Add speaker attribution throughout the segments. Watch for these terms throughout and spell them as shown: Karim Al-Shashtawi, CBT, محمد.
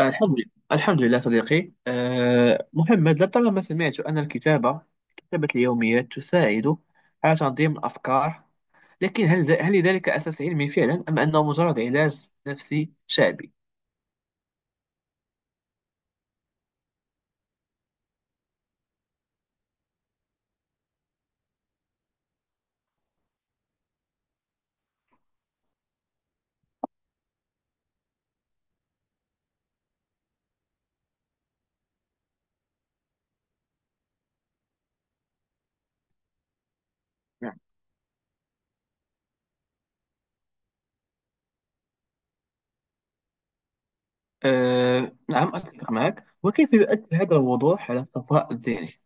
Speaker 1: الحمد لله، الحمد لله صديقي. محمد، لطالما سمعت أن كتابة اليوميات تساعد على تنظيم الأفكار، لكن هل لذلك أساس علمي فعلا، أم أنه مجرد علاج نفسي شعبي؟ نعم. نعم، أتفق معك. وكيف يؤثر هذا الوضوح على الصفاء الذهني؟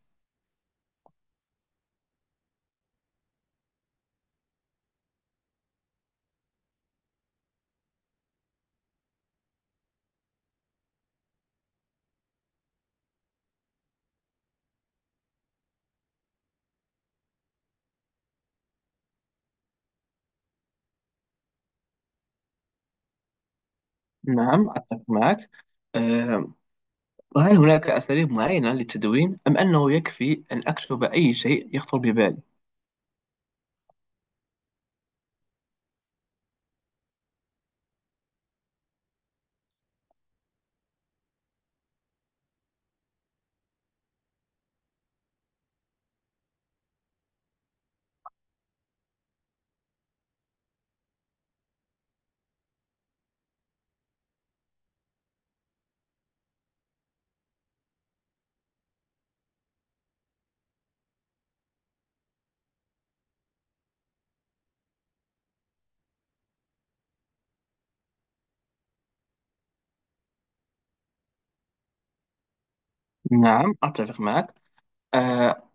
Speaker 1: نعم، أتفق معك. أه وهل هناك أساليب معينة للتدوين، أم أنه يكفي أن أكتب أي شيء يخطر ببالي؟ نعم، أتفق معك. آه،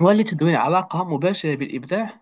Speaker 1: وهل للتدوين علاقة مباشرة بالإبداع؟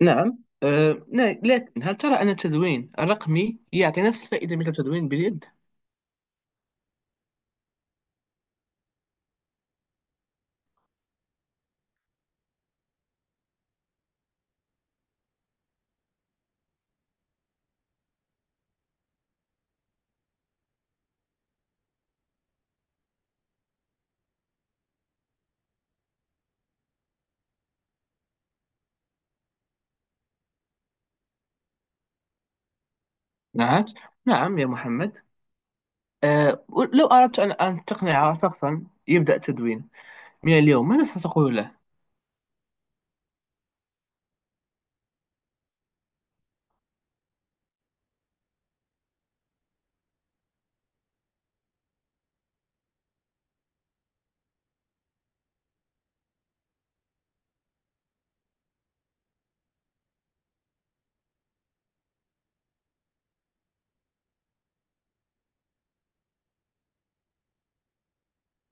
Speaker 1: نعم. أه لا- لكن هل ترى أن التدوين الرقمي يعطي نفس الفائدة مثل التدوين باليد؟ نعم، نعم يا محمد. أه لو أردت أن تقنع شخصا يبدأ التدوين من اليوم، ماذا ستقول له؟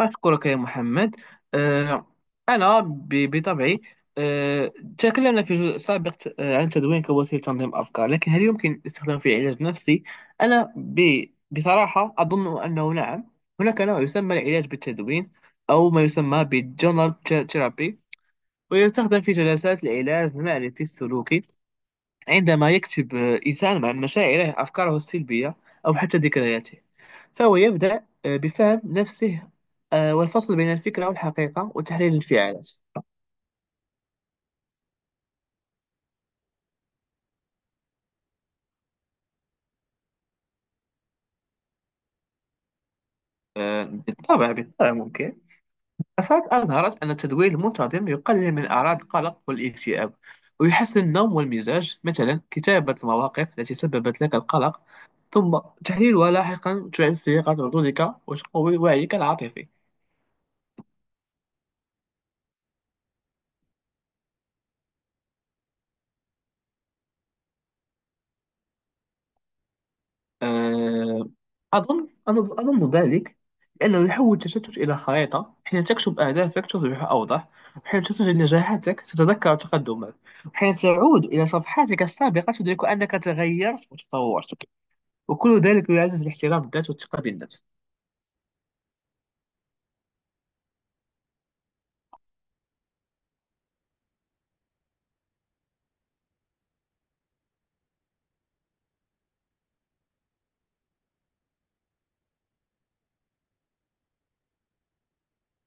Speaker 1: أشكرك يا محمد. آه، أنا بطبعي. آه، تكلمنا في جزء سابق عن تدوين كوسيلة تنظيم أفكار، لكن هل يمكن استخدامه في علاج نفسي؟ أنا بصراحة أظن أنه نعم. هناك نوع يسمى العلاج بالتدوين، أو ما يسمى بالجونال ثيرابي، ويستخدم في جلسات العلاج المعرفي السلوكي. عندما يكتب إنسان عن مشاعره، أفكاره السلبية، أو حتى ذكرياته، فهو يبدأ بفهم نفسه، والفصل بين الفكرة والحقيقة وتحليل الانفعالات. بالطبع، بالطبع ممكن. دراسات أظهرت أن التدوير المنتظم يقلل من أعراض القلق والاكتئاب، ويحسن النوم والمزاج. مثلا، كتابة المواقف التي سببت لك القلق، ثم تحليلها لاحقا، تعزز ثقة ردودك وتقوي وعيك العاطفي. آه، أظن ذلك، لأنه يحول التشتت إلى خريطة. حين تكتب أهدافك تصبح أوضح، وحين تسجل نجاحاتك تتذكر تقدمك، وحين تعود إلى صفحاتك السابقة تدرك أنك تغيرت وتطورت. وكل ذلك يعزز الاحترام بالذات والثقة بالنفس.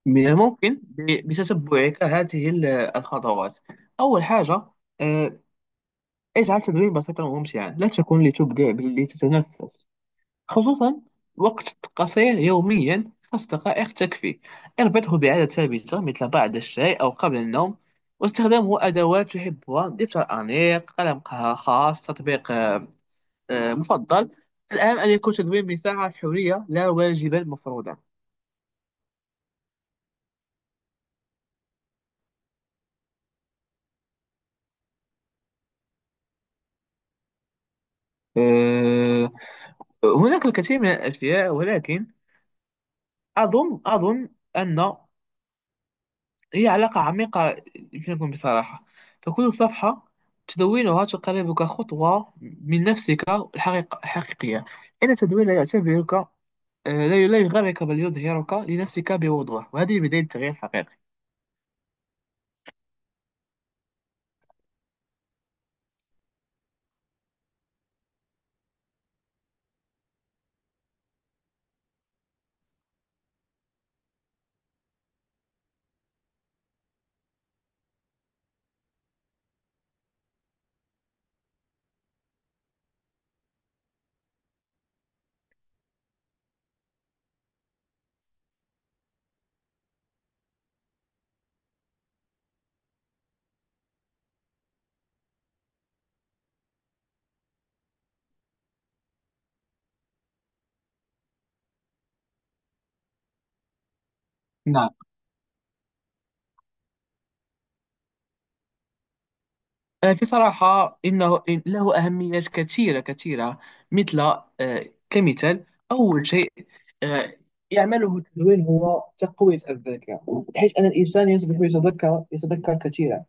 Speaker 1: من الممكن بتتبعك هذه الخطوات. أول حاجة، آه، اجعل تدوين بسيطا وممتعا، لا تكن لتبدع بل لتتنفس. خصوصا، وقت قصير يوميا، 5 دقائق تكفي. اربطه بعادة ثابتة، مثل بعد الشاي أو قبل النوم. واستخدامه أدوات تحبها، دفتر أنيق، قلم خاص، تطبيق مفضل. الأهم أن يكون تدوين مساحة حرية، لا واجبا مفروضا. آه، هناك الكثير من الأشياء، ولكن أظن أن هي علاقة عميقة. يمكن نكون بصراحة، فكل صفحة تدونها تقربك خطوة من نفسك الحقيقة الحقيقية. إن التدوين لا يعتبرك، لا، لا يغرك، بل يظهرك لنفسك بوضوح. وهذه بداية التغيير الحقيقي. نعم. في صراحة، إن له أهميات كثيرة كثيرة. مثل، آه، كمثال، أول شيء آه، يعمله التدوين هو تقوية الذاكرة، بحيث أن الإنسان يصبح يتذكر كثيرا.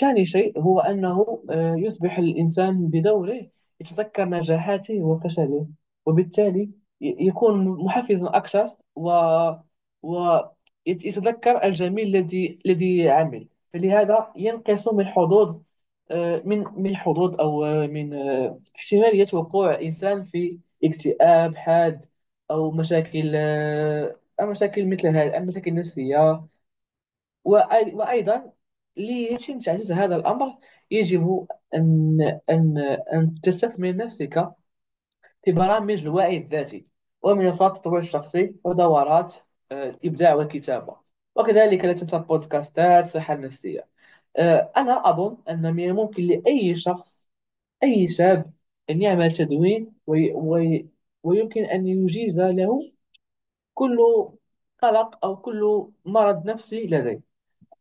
Speaker 1: ثاني شيء هو أنه يصبح الإنسان بدوره يتذكر نجاحاته وفشله، وبالتالي يكون محفزا أكثر، و ويتذكر الجميل الذي عمل. فلهذا ينقص من حظوظ، من حظوظ، أو من احتمالية وقوع إنسان في اكتئاب حاد، أو مشاكل، أو مشاكل مثل هذه المشاكل النفسية. وأيضا، ليتم تعزيز هذا الأمر، يجب أن أن أن تستثمر نفسك في برامج الوعي الذاتي ومنصات التطوير الشخصي ودورات الإبداع والكتابة، وكذلك لا تنسى بودكاستات الصحة النفسية. أنا أظن أن من الممكن لأي شخص، أي شاب، أن يعمل تدوين، وي وي ويمكن أن يجيز له كل قلق أو كل مرض نفسي لديه.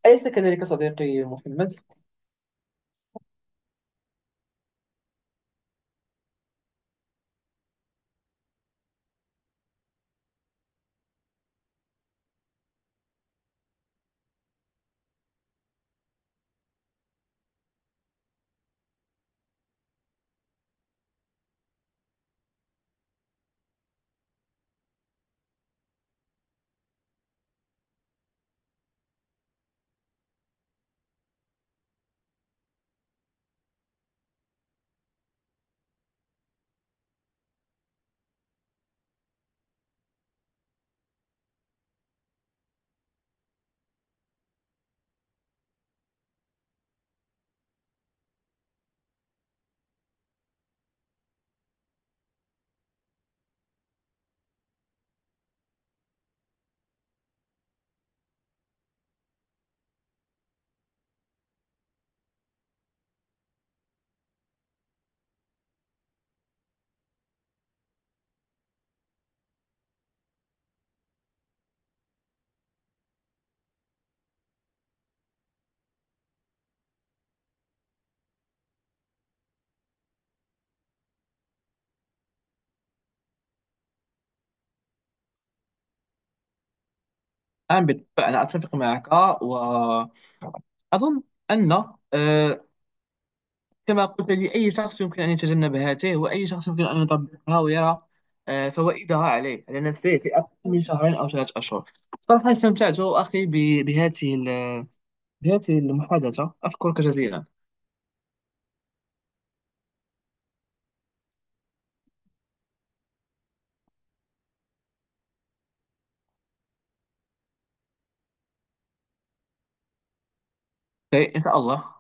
Speaker 1: أليس كذلك صديقي محمد؟ نعم، بالطبع، أنا أتفق معك. وأظن أن آه، كما قلت لي، أي شخص يمكن أن يتجنب هاته، وأي شخص يمكن أن يطبقها ويرى فوائدها عليه، على نفسه، في أقل من شهرين أو 3 أشهر. صراحة، استمتعت أخي بهذه المحادثة. أشكرك جزيلا. إيه، إن شاء الله.